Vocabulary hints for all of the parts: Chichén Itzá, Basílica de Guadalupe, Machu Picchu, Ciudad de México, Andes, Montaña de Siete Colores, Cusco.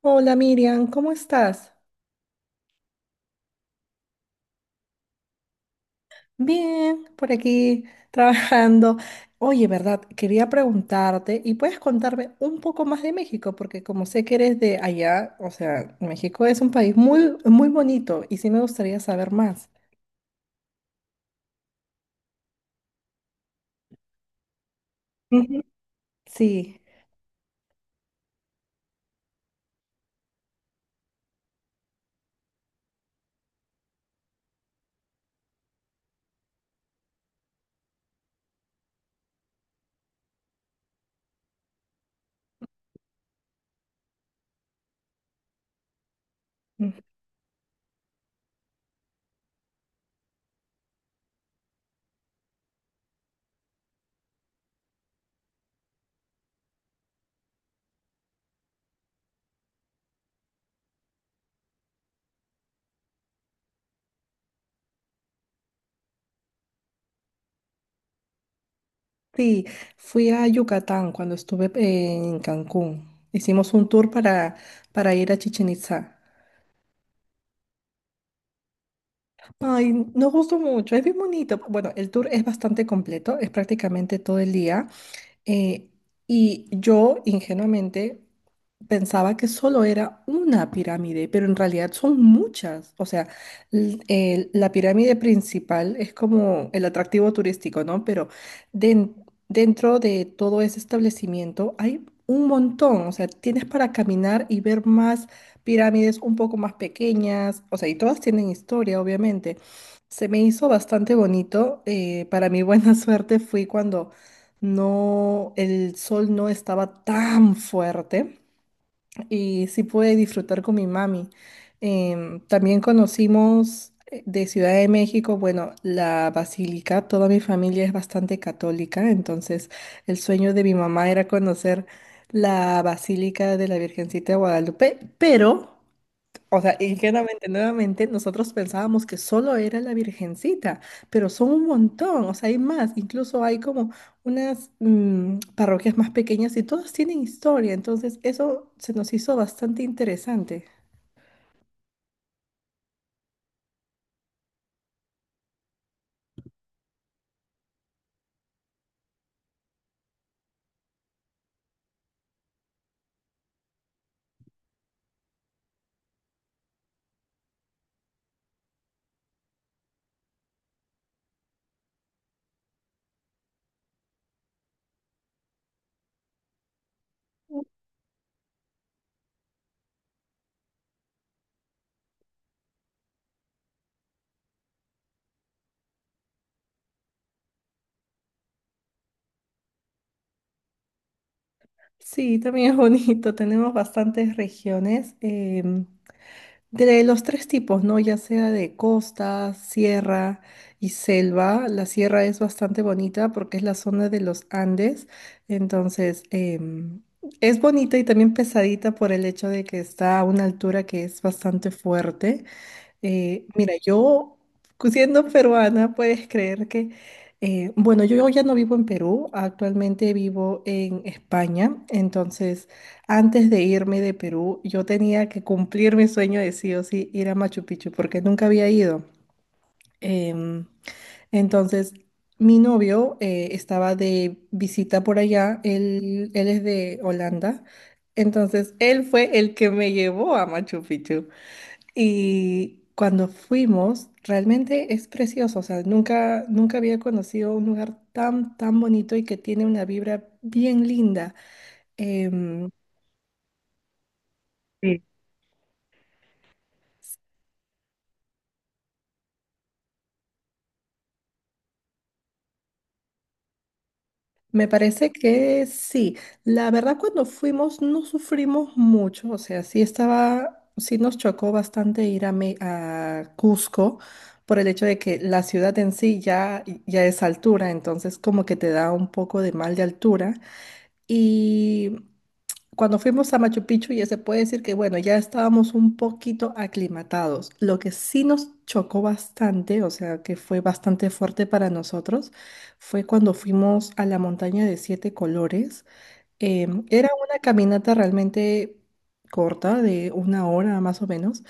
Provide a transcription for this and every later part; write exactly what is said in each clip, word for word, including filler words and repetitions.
Hola Miriam, ¿cómo estás? Bien, por aquí trabajando. Oye, ¿verdad? Quería preguntarte y puedes contarme un poco más de México, porque como sé que eres de allá, o sea, México es un país muy, muy bonito y sí me gustaría saber más. Ujú. Sí, mm, sí, fui a Yucatán cuando estuve en Cancún. Hicimos un tour para, para ir a Chichén Itzá. Ay, nos gustó mucho, es bien bonito. Bueno, el tour es bastante completo, es prácticamente todo el día. Eh, y yo ingenuamente pensaba que solo era una pirámide, pero en realidad son muchas. O sea, l- el- la pirámide principal es como el atractivo turístico, ¿no? Pero den- dentro de todo ese establecimiento hay un montón. O sea, tienes para caminar y ver más pirámides un poco más pequeñas. O sea, y todas tienen historia, obviamente. Se me hizo bastante bonito. Eh, para mi buena suerte fui cuando no, el sol no estaba tan fuerte y sí pude disfrutar con mi mami. Em, también conocimos eh, de Ciudad de México, bueno, la basílica. Toda mi familia es bastante católica, entonces el sueño de mi mamá era conocer la basílica de la Virgencita de Guadalupe, pero o sea, ingenuamente, nuevamente, nosotros pensábamos que solo era la Virgencita, pero son un montón, o sea, hay más, incluso hay como unas mm, parroquias más pequeñas y todas tienen historia, entonces eso se nos hizo bastante interesante. Sí, también es bonito, tenemos bastantes regiones. em, De los tres tipos, ¿no? Ya sea de costa, sierra y selva. La sierra es bastante bonita porque es la zona de los Andes. Entonces, em, es bonita y también pesadita por el hecho de que está a una altura que es bastante fuerte. Eh, mira, yo siendo peruana, puedes creer que, eh, bueno, yo ya no vivo en Perú, actualmente vivo en España, entonces antes de irme de Perú, yo tenía que cumplir mi sueño de sí o sí ir a Machu Picchu, porque nunca había ido. Em, entonces, mi novio eh, estaba de visita por allá, él, él es de Holanda, entonces él fue el que me llevó a Machu Picchu. Y cuando fuimos, realmente es precioso, o sea, nunca, nunca había conocido un lugar tan, tan bonito y que tiene una vibra bien linda. Em, Sí. Me parece que sí. La verdad, cuando fuimos no sufrimos mucho, o sea, sí estaba, sí nos chocó bastante ir a, Me- a Cusco por el hecho de que la ciudad en sí ya, ya es altura, entonces como que te da un poco de mal de altura. y Cuando fuimos a Machu Picchu, ya se puede decir que, bueno, ya estábamos un poquito aclimatados. Lo que sí nos chocó bastante, o sea, que fue bastante fuerte para nosotros, fue cuando fuimos a la montaña de siete colores. Em, era una caminata realmente corta, de una hora más o menos,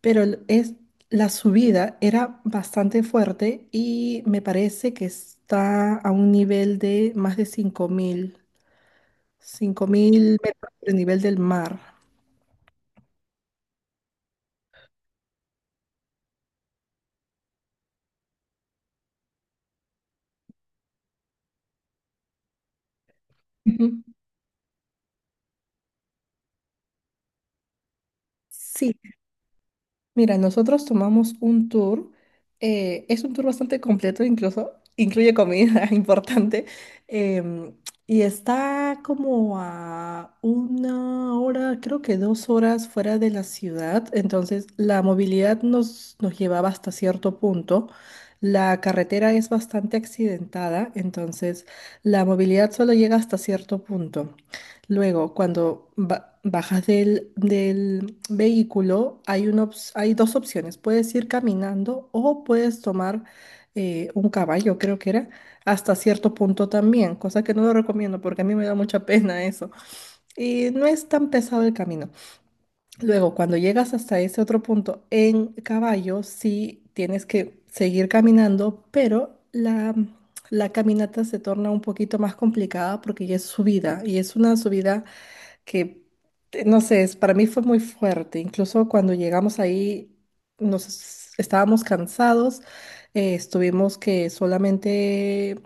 pero el- es, la subida era bastante fuerte y me parece que está a un nivel de más de cinco mil cinco mil metros sobre el nivel del mar. Ujú. Sí, mira, nosotros tomamos un tour, eh, es un tour bastante completo, incluso incluye comida importante, em, y está como a una hora, creo que dos horas fuera de la ciudad, entonces la movilidad nos, nos llevaba hasta cierto punto. La carretera es bastante accidentada, entonces la movilidad solo llega hasta cierto punto. Luego, cuando ba- bajas del, del vehículo, hay, una ops- hay dos opciones. Puedes ir caminando o puedes tomar eh, un caballo, creo que era, hasta cierto punto también, cosa que no lo recomiendo porque a mí me da mucha pena eso. Y no es tan pesado el camino. Luego, cuando llegas hasta ese otro punto en caballo, sí tienes que seguir caminando, pero la, la caminata se torna un poquito más complicada porque ya es subida y es una subida que, eh, no sé, es- para mí fue muy fuerte. Incluso cuando llegamos ahí, nos es- estábamos cansados, eh, estuvimos que solamente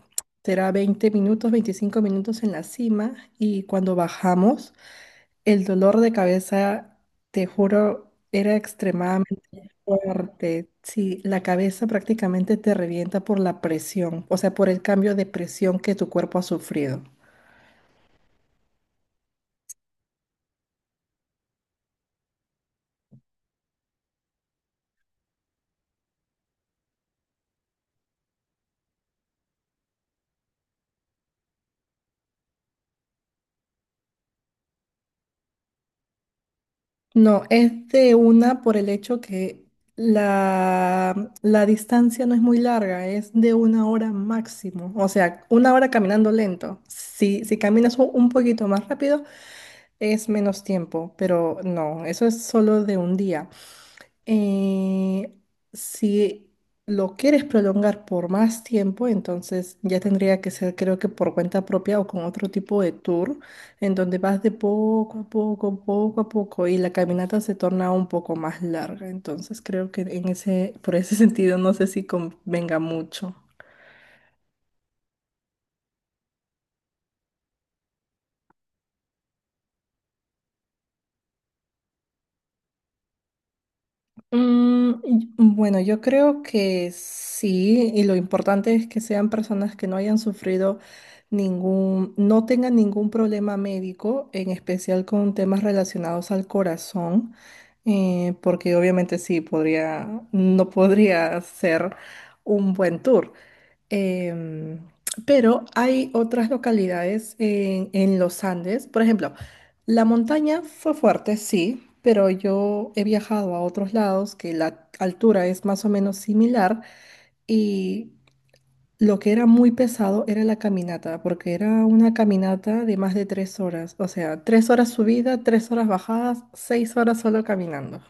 será veinte minutos, veinticinco minutos en la cima y cuando bajamos, el dolor de cabeza, te juro, era extremadamente fuerte. Sí, la cabeza prácticamente te revienta por la presión, o sea, por el cambio de presión que tu cuerpo ha sufrido. No, es de una por el hecho que la, la distancia no es muy larga, es de una hora máximo. O sea, una hora caminando lento. Si, si caminas un un poquito más rápido, es menos tiempo, pero no, eso es solo de un día. Eh, si lo quieres prolongar por más tiempo, entonces ya tendría que ser, creo que por cuenta propia o con otro tipo de tour, en donde vas de poco a poco, poco a poco, y la caminata se torna un poco más larga. Entonces creo que en ese, por ese sentido, no sé si convenga mucho. Mm, y- bueno, yo creo que sí, y lo importante es que sean personas que no hayan sufrido ningún, no tengan ningún problema médico, en especial con temas relacionados al corazón, eh, porque obviamente sí, podría, no podría ser un buen tour. Em, pero hay otras localidades en, en los Andes. Por ejemplo, la montaña fue fuerte, sí, pero yo he viajado a otros lados que la altura es más o menos similar y lo que era muy pesado era la caminata, porque era una caminata de más de tres horas. O sea, tres horas subida, tres horas bajadas, seis horas solo caminando.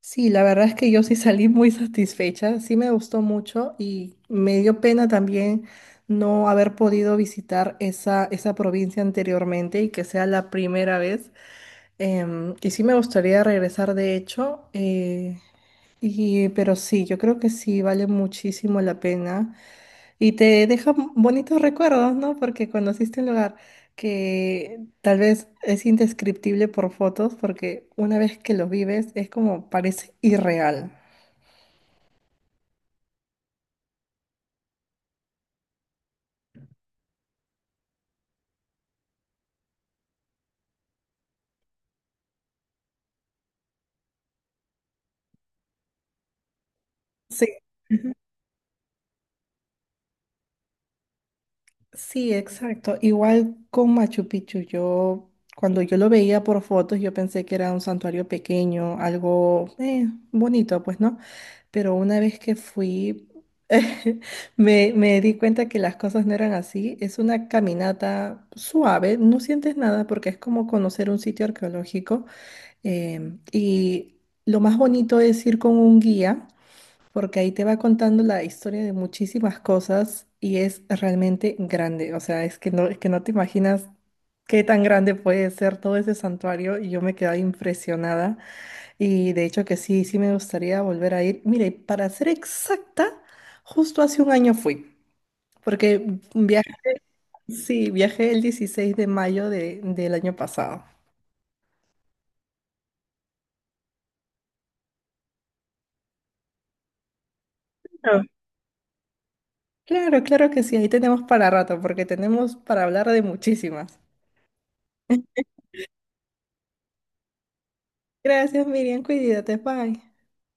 Sí, la verdad es que yo sí salí muy satisfecha, sí me gustó mucho y me dio pena también no haber podido visitar esa, esa provincia anteriormente y que sea la primera vez. Em, y sí me gustaría regresar de hecho, eh, y, pero sí, yo creo que sí vale muchísimo la pena. Y te deja m- bonitos recuerdos, ¿no? Porque conociste un lugar que tal vez es indescriptible por fotos, porque una vez que lo vives es como parece irreal. Sí, sí, exacto. Igual con Machu Picchu, yo cuando yo lo veía por fotos, yo pensé que era un santuario pequeño, algo eh, bonito, pues, ¿no? Pero una vez que fui, me, me di cuenta que las cosas no eran así. Es una caminata suave, no sientes nada porque es como conocer un sitio arqueológico. Em, y lo más bonito es ir con un guía, porque ahí te va contando la historia de muchísimas cosas y es realmente grande. O sea, es que no, es que no te imaginas qué tan grande puede ser todo ese santuario y yo me quedé impresionada. Y de hecho que sí, sí me gustaría volver a ir. Mire, para ser exacta, justo hace un año fui, porque viajé, sí, viajé el dieciséis de mayo de- del año pasado. No. Claro, claro que sí, ahí tenemos para rato, porque tenemos para hablar de muchísimas. Gracias, Miriam, cuídate, bye.